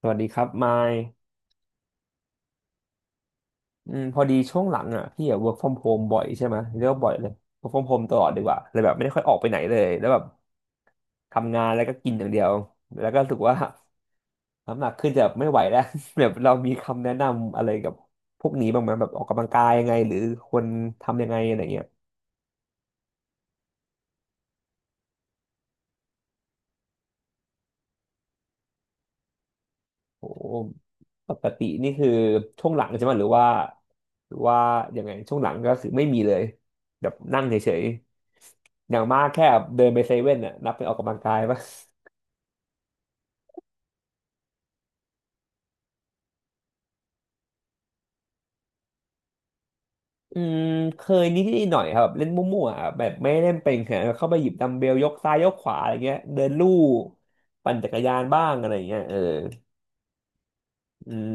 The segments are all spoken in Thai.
สวัสดีครับมายพอดีช่วงหลังอ่ะพี่อ่ะ work from home บ่อยใช่ไหมเรียกว่าบ่อยเลย work from home ตลอดดีกว่าเลยแบบไม่ได้ค่อยออกไปไหนเลยแล้วแบบทำงานแล้วก็กินอย่างเดียวแล้วก็รู้สึกว่าน้ำหนักขึ้นจะไม่ไหวแล้ว แบบเรามีคำแนะนำอะไรกับพวกนี้บ้างไหมแบบออกกำลังกายยังไงหรือควรทำยังไงอะไรเงี้ย โอ้ปกตินี่คือช่วงหลังใช่ไหมหรือว่าหรือว่ายังไงช่วงหลังก็คือไม่มีเลยแบบนั่งเฉยๆอย่างมากแค่เดินไปเซเว่นน่ะนับเป็นออกกำลังกายปะอืมเคยนิดๆหน่อยครับเล่นมั่วๆอะแบบไม่ได้เล่นเป็นแค่เข้าไปหยิบดัมเบลยกซ้ายยกขวาอะไรเงี้ยเดินลู่ปั่นจักรยานบ้างอะไรเงี้ยเอออืม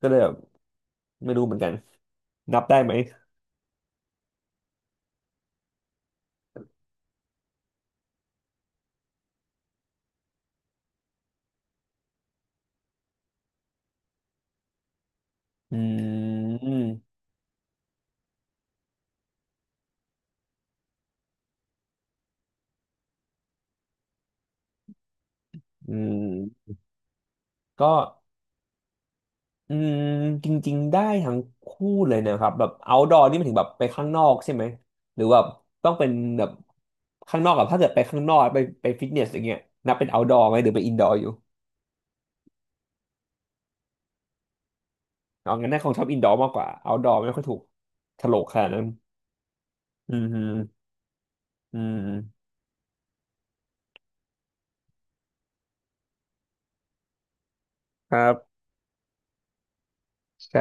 ก็เลยแบบไม่รู้เหมือนกันนับได้ไหมอืมอืมก็ อืมจริงๆได้ทั้งคู่เลยนะครับแบบ outdoor นี่หมายถึงแบบไปข้างนอกใช่ไหมหรือว่าต้องเป็นแบบข้างนอกกับถ้าเกิดไปข้างนอกไปไปฟิตเนสอย่างเงี้ยนับเป็น outdoor ไหมหรือไป indoor อยู่เอางั้นน่าคงชอบ indoor มากกว่า outdoor ไม่ค่อยถูกโฉลกขนาดนั้นอืมฮึอืมครับใช่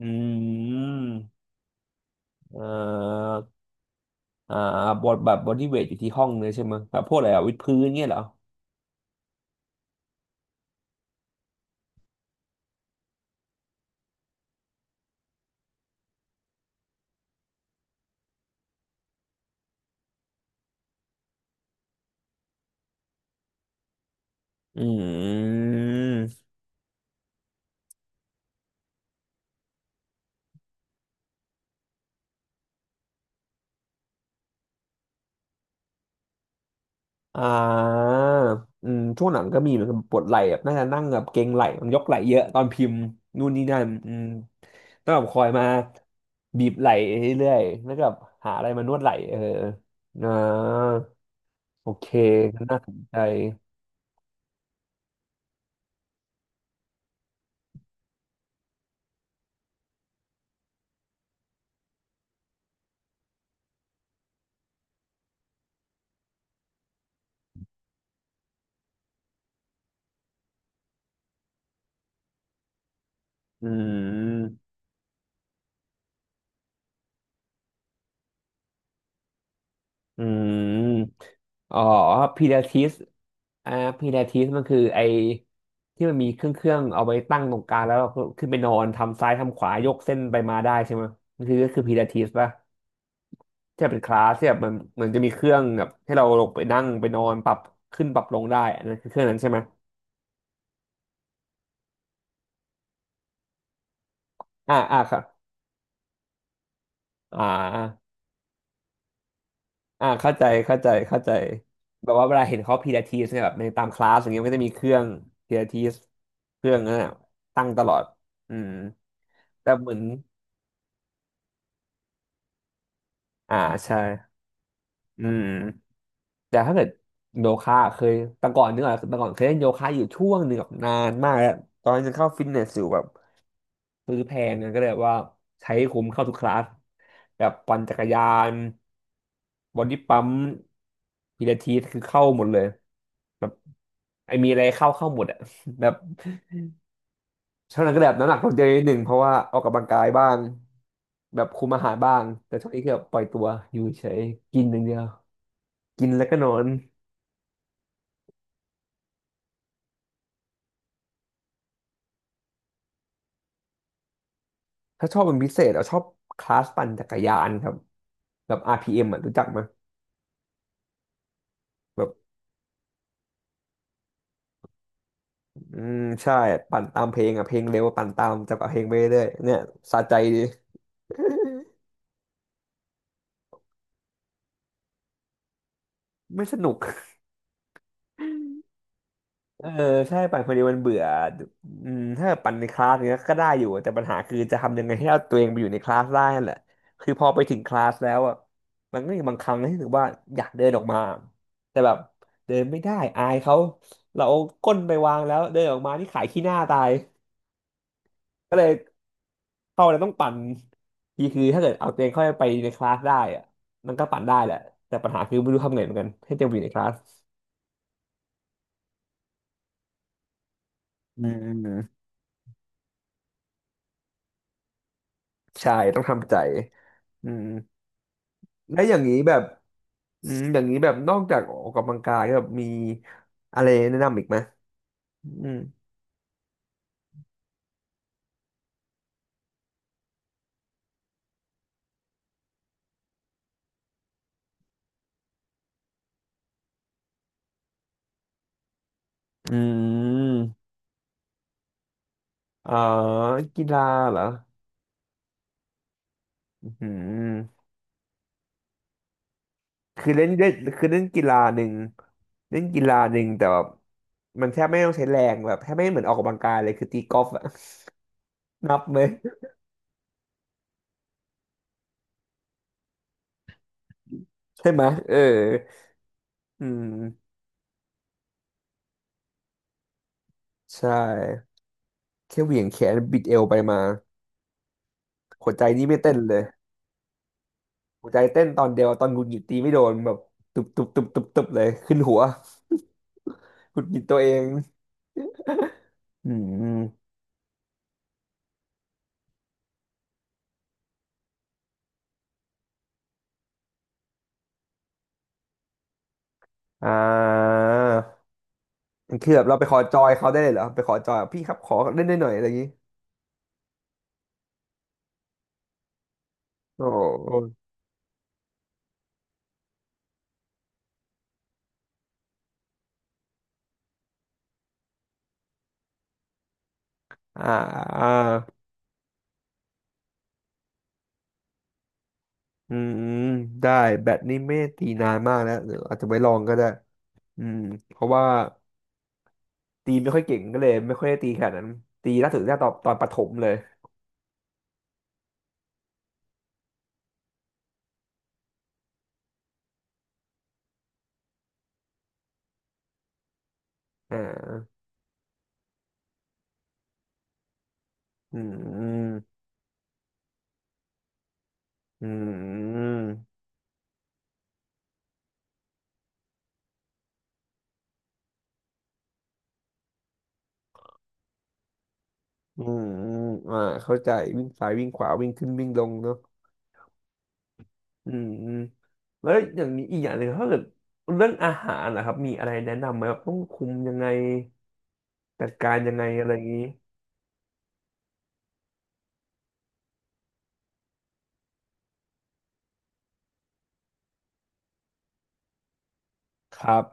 อืมเอ่ออ่าบอดแบบบอดี้เวทอยู่ที่ห้องเลยใช่ไหมแบบพวกอะไรอะวิดพื้นเงี้ยเหรออืม อ่าช่วงหลังก็มีเหมือนกับปวดไหล่แบบน่าจะนั่งแบบเกร็งไหล่มันยกไหล่เยอะตอนพิมพ์นู่นนี่นั่นต้องแบบคอยมาบีบไหล่เรื่อยๆแล้วก็แบบหาอะไรมานวดไหล่เอออ่าโอเคน่าสนใจอืมอืมอ๋อพิลาทิสอ่าพิลาทิสมันคือไอที่มันมีเครื่องเอาไว้ตั้งตรงกลางแล้วก็ขึ้นไปนอนทำซ้ายทำขวายกเส้นไปมาได้ใช่ไหมมันคือก็คือพิลาทิสป่ะ ถ้าเป็นคลาสเนี่ยมันจะมีเครื่องแบบให้เราลงไปนั่งไปนอนปรับขึ้นปรับลงได้อันนั้นคือเครื่องนั้นใช่ไหม อ่าอ่าค่ะอ่าอ่าเข้าใจเข้าใจแบบว่าเวลาเห็นเขาพีลาทิสเนี่ยแบบในตามคลาสอย่างเงี้ยมันก็จะมีเครื่องพีลาทิสเครื่องนั้นน่ะตั้งตลอดอืมแต่เหมือนอ่าใช่อืมแต่ถ้าเกิดโยคะเคยแต่ก่อนนึกออกแต่ก่อนเคยเล่นโยคะอยู่ช่วงหนึ่งแบบนานมากแล้วตอนนั้นยังเข้าฟิตเนสอยู่แบบ ซื้อแพงนะก็เลยแบบว่าใช้คุ้มเข้าทุกคลาสแบบปั่นจักรยานบอดี้ปั๊มพิลาทิสคือเข้าหมดเลยแบบไอมีอะไรเข้าหมดอะ แบบช่วงนั้นก็แบบน้ำหนักลดเยอะนิดหนึ่งเพราะว่าออกกำลังกายบ้างแบบคุมอาหารบ้างแต่ช่วงนี้คือแบบปล่อยตัวอยู่เฉยกินอย่างเดียวกินแล้วก็นอนถ้าชอบเป็นพิเศษเอาชอบคลาสปั่นจักรยานครับแบบอาร์พี m อมอ่ะรู้จักไหมยแบบ ใช่ปั่นตามเพลงอ่ะเพลงเร็วปั่นตามจับกับเพลงไปเรื่อยๆเนี่ยสะใจดี ไม่สนุกเออใช่ปั่นคนเดียวมันเบื่อถ้าปั่นในคลาสเนี้ยก็ได้อยู่แต่ปัญหาคือจะทำยังไงให้เอาตัวเองไปอยู่ในคลาสได้นั่นแหละคือพอไปถึงคลาสแล้วอ่ะมันก็มีบางครั้งที่รู้สึกว่าอยากเดินออกมาแต่แบบเดินไม่ได้อายเขาเราเอาก้นไปวางแล้วเดินออกมานี่ขายขี้หน้าตายก็เลย เข้าแล้วต้องปั่นทีคือถ้าเกิดเอาตัวเองเข้าไปในคลาสได้อะมันก็ปั่นได้แหละแต่ปัญหาคือไม่รู้ทำไงเหมือนกันให้เต็มอยู่ในคลาสอืมใช่ต้องทำใจอืมแล้วอย่างนี้แบบอย่างนี้แบบนอกจากออกกำลังกายแบบมีอะไรแนะนำอีกไหมอืมอืมเอ่อกีฬาเหรออืมคือเล่นเล่นคือเล่นกีฬาหนึ่งเล่นกีฬาหนึ่งแต่แบบมันแทบไม่ต้องใช้แรงแบบแทบไม่เหมือนออกกำลังกายเลยคือตีกอล์ฟอะ นับไหม ใช่ไหมเอออืมใช่แค่เหวี่ยงแขนบิดเอวไปมาหัวใจนี่ไม่เต้นเลยหัวใจเต้นตอนเดียวตอนหงุดหงิดตีไม่โดนแบบตุบตุบตุบตุบตุบเลยขึ้นหัวหงุดหงิดตัวเองอืมอ่าคือแบบเราไปขอจอยเขาได้เลยเหรอไปขอจอยพี่ครับขอเล่นได้หน่อยอะไรอย่างนี้โอ้อ่าอ่าอืมได้แบตนี่ไม่ได้ตีนานมากแล้วเดี๋ยวอาจจะไว้ลองก็ได้อืมเพราะว่า ตีไม่ค่อยเก่งก็เลยไม่ค่อยได้ตีขนาดนั้นตีล่าสุดได้ตอนประถมเลยอ่าอืมอืมอืมอืมอมอ่าเข้าใจวิ่งซ้ายวิ่งขวาวิ่งขึ้นวิ่งลงเนาะอืมแล้วอย่างนี้อีกอย่างหนึ่งถ้าเกิดเรื่องอาหารนะครับมีอะไรแนะนำไหมแบบต้องคุมยังไงจัดการยังไงอะไรอย่างนี้ครับ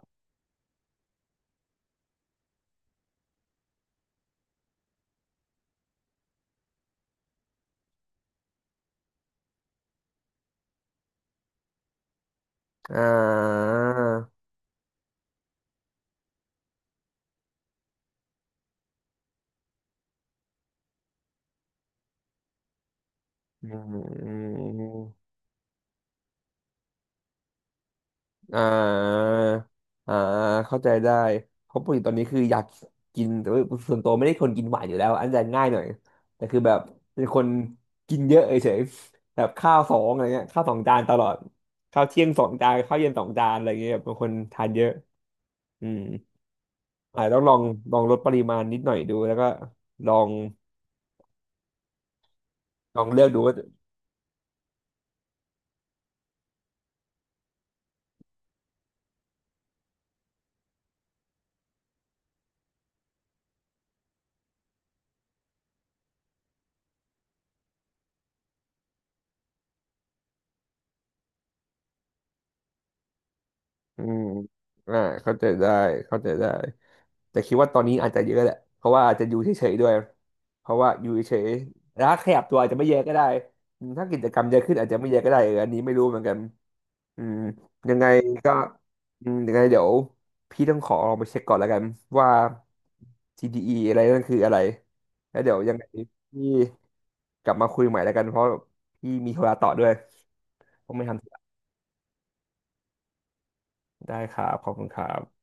อ่าอืม อ่าอ่าเข้าใจได้เพราะปกติตอนนี้คืออยากกินแต่ว่าส่วนตัวไม่ได้คนกินหวานอยู่แล้วอันจะง่ายหน่อยแต่คือแบบเป็นคนกินเยอะเฉยๆแบบข้าวสองอะไรเงี้ยข้าวสองจานตลอดข้าวเที่ยงสองจานข้าวเย็นสองจานอะไรเงี้ยเป็นคนทานเยอะอืมอาจจะต้องลองลดปริมาณนิดหน่อยดูแล้วก็ลองเลือกดูว่าอืมอ่าเข้าใจได้เข้าใจได้แต่คิดว่าตอนนี้อาจจะเยอะแหละเพราะว่าอาจจะอยู่เฉยๆด้วย เพราะว่าอยู่เฉยๆแล้วขยับตัวอาจจะไม่เยอะก็ได้อืมถ้ากิจกรรมเยอะขึ้นอาจจะไม่เยอะก็ได้เอออันนี้ไม่รู้เหมือนกันอืมยังไงก็ยังไงเดี๋ยวพี่ต้องขอลองไปเช็คก่อนแล้วกันว่า TDE ออะไรนั่นคืออะไรแล้วเดี๋ยวยังไงพี่กลับมาคุยใหม่แล้วกันเพราะพี่มีธุระต่อด้วยต้องไปทำธุระได้ครับขอบคุณครับ